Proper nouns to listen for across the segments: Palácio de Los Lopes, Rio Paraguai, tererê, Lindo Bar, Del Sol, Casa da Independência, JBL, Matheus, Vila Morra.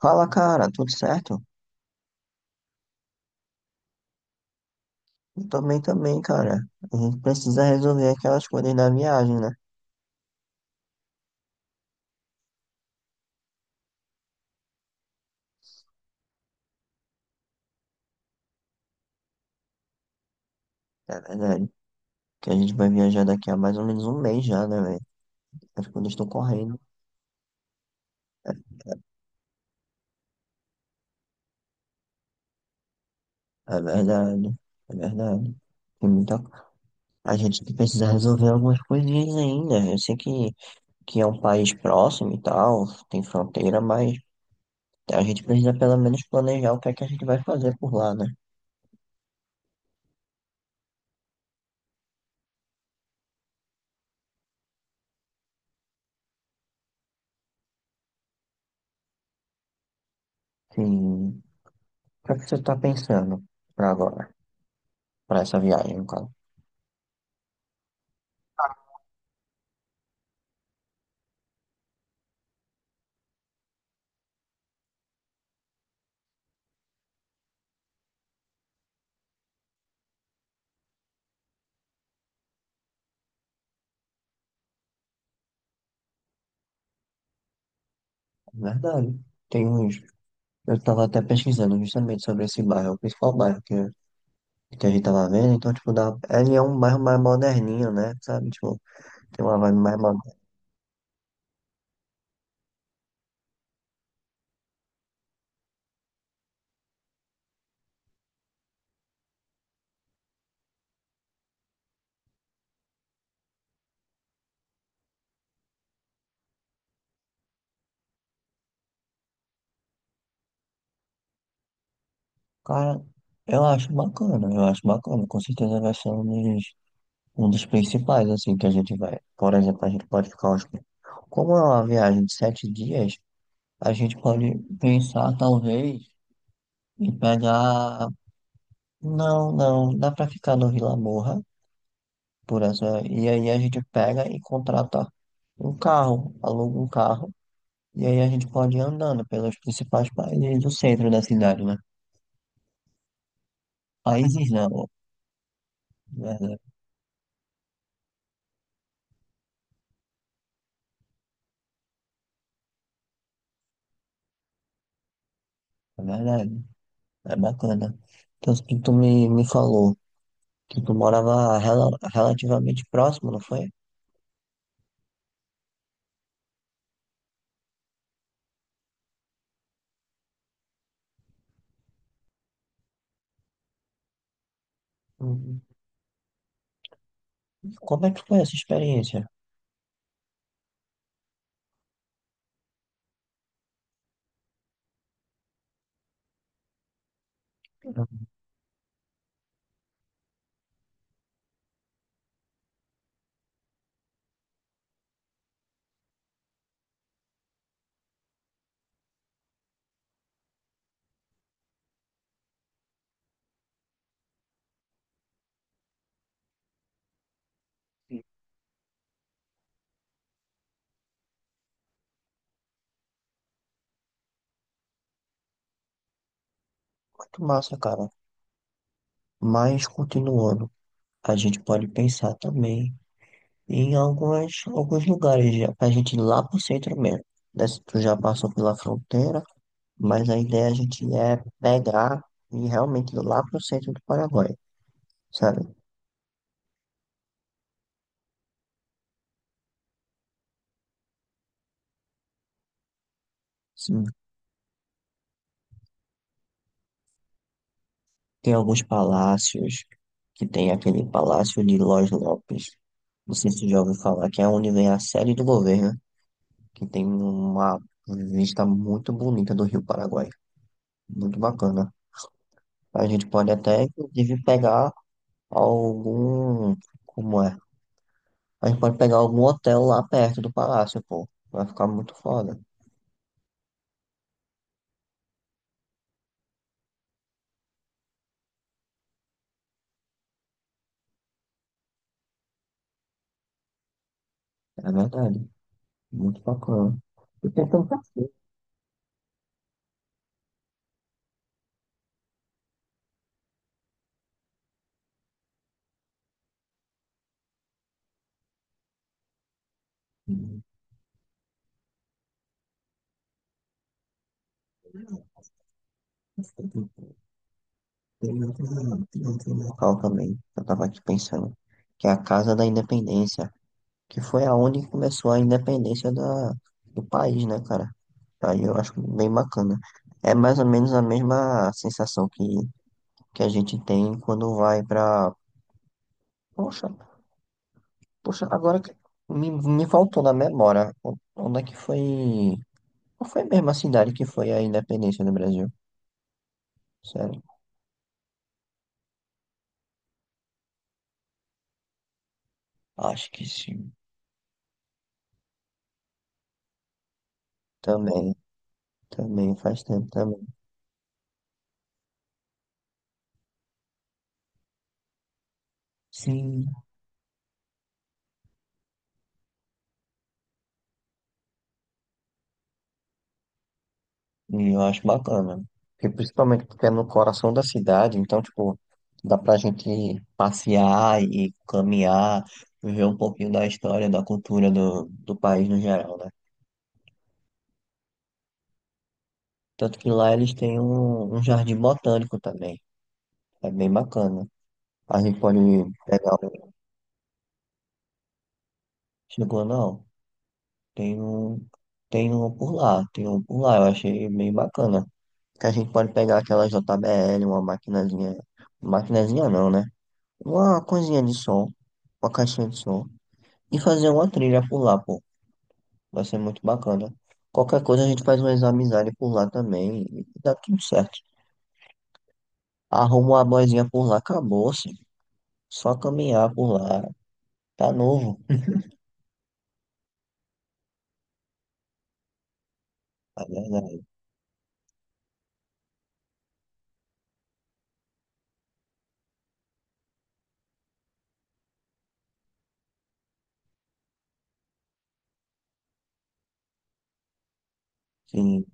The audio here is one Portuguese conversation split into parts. Fala, cara, tudo certo? Eu também, também, cara. A gente precisa resolver aquelas coisas da viagem, né? É verdade. Que a gente vai viajar daqui a mais ou menos um mês já, né, velho? As coisas estão correndo. É é verdade, é verdade. Tem muita... A gente precisa resolver algumas coisinhas ainda. Eu sei que é um país próximo e tal, tem fronteira, mas a gente precisa pelo menos planejar o que é que a gente vai fazer por lá, né? Sim. O que é que você tá pensando pra agora? Pra essa viagem, no caso? Verdade. Tem uns. Eu tava até pesquisando justamente sobre esse bairro, o principal bairro que a gente tava vendo. Então, tipo, dá... ele é um bairro mais moderninho, né? Sabe? Tipo, tem uma vibe mais moderna. Cara, eu acho bacana, eu acho bacana. Com certeza vai ser dos, um dos principais, assim, que a gente vai. Por exemplo, a gente pode ficar uns. Como é uma viagem de sete dias, a gente pode pensar, talvez, em pegar. Não, não, dá pra ficar no Vila Morra. Por essa. E aí a gente pega e contrata um carro, aluga um carro, e aí a gente pode ir andando pelos principais países do centro da cidade, né? Países não, é verdade. É verdade. É bacana. Então, tu me falou que tu morava relativamente próximo, não foi? Uhum. Como é que foi essa experiência? Uhum. Muito massa, cara. Mas, continuando, a gente pode pensar também em algumas, alguns lugares, já, pra gente ir lá pro centro mesmo. Desce- Tu já passou pela fronteira, mas a ideia a gente é pegar e realmente ir lá pro centro do Paraguai, sabe? Sim, tem alguns palácios, que tem aquele Palácio de Los Lopes. Não sei se você já ouviu falar, que é onde vem a sede do governo, que tem uma vista muito bonita do Rio Paraguai. Muito bacana. A gente pode até, inclusive, pegar algum. Como é? A gente pode pegar algum hotel lá perto do palácio, pô. Vai ficar muito foda. É verdade. Muito bacana. E tem tanto passeio, né? Tem outro local também, que eu tava aqui pensando, que é a Casa da Independência, que foi aonde começou a independência da, do país, né, cara? Aí eu acho bem bacana. É mais ou menos a mesma sensação que a gente tem quando vai pra, poxa, poxa, agora que me faltou na memória, o- onde é que foi? Qual foi mesmo a cidade que foi a independência do Brasil? Sério? Acho que sim. Também, também, faz tempo também. Sim. E eu acho bacana. Porque principalmente porque é no coração da cidade, então, tipo, dá pra gente passear e caminhar, ver um pouquinho da história, da cultura do, do país no geral, né? Tanto que lá eles têm um jardim botânico também. É bem bacana. A gente pode pegar o. Chegou, não. Tem um, tem um por lá, tem um por lá, eu achei bem bacana. Que a gente pode pegar aquela JBL, uma maquinazinha, maquinazinha não, né? Uma coisinha de som, uma caixinha de som, e fazer uma trilha por lá, pô. Vai ser muito bacana. Qualquer coisa a gente faz umas amizades por lá também, e dá tudo certo. Arruma uma boizinha por lá, acabou-se. Só caminhar por lá, tá novo. É verdade, sim,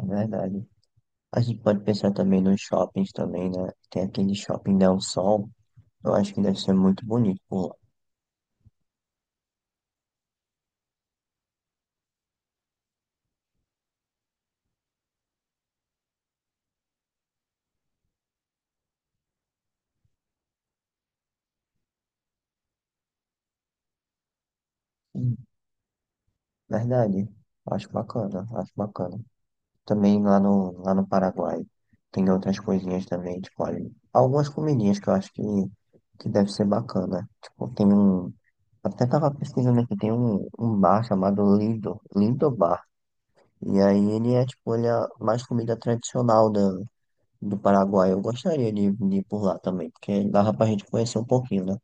é verdade. A gente pode pensar também nos shoppings também, né? Tem aquele shopping Del Sol. Eu acho que deve ser muito bonito por lá. Hum. Verdade. Acho bacana, acho bacana. Também lá no Paraguai tem outras coisinhas também, tipo, olha, algumas comidinhas que eu acho que deve ser bacana. Tipo, tem um. Até tava pesquisando aqui, tem um bar chamado Lindo, Lindo Bar. E aí ele é tipo, ele é mais comida tradicional da do Paraguai. Eu gostaria de ir por lá também, porque dava pra gente conhecer um pouquinho, né?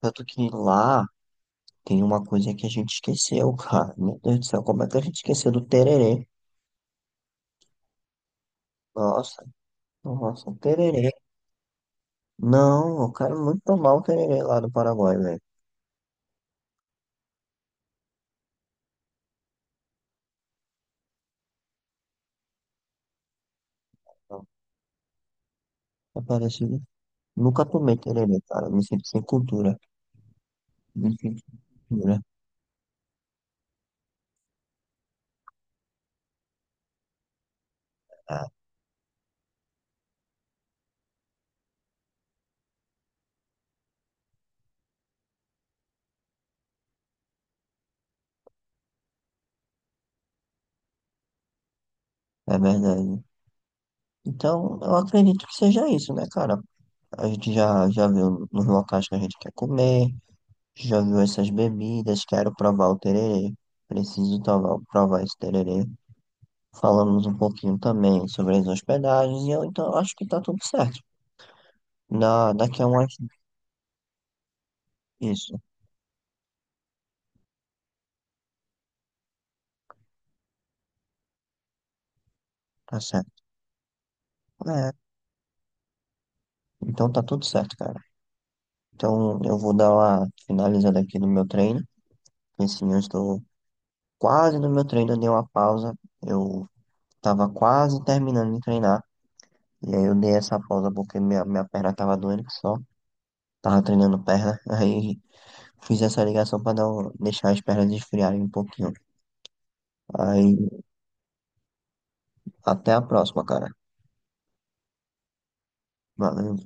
Tanto que lá tem uma coisa que a gente esqueceu, cara. Meu Deus do céu, como é que a gente esqueceu do tererê? Nossa, nossa, tererê. Não, eu quero muito tomar o tererê lá do Paraguai, velho. É parecido. Nunca tomei tererê, cara. Me sinto sem cultura. Me sinto sem cultura. É, é verdade. Então, eu acredito que seja isso, né, cara? A gente já, já viu nos locais que a gente quer comer. Já viu essas bebidas? Quero provar o tererê. Preciso provar, provar esse tererê. Falamos um pouquinho também sobre as hospedagens e eu então acho que tá tudo certo. Na, daqui a umas. Isso, tá certo. É, então tá tudo certo, cara. Então eu vou dar uma finalizada aqui no meu treino. Porque assim, eu estou quase no meu treino, eu dei uma pausa. Eu tava quase terminando de treinar. E aí eu dei essa pausa porque minha perna tava doendo que só. Tava treinando perna. Aí. Fiz essa ligação para não deixar as pernas esfriarem um pouquinho. Aí, até a próxima, cara. Valeu.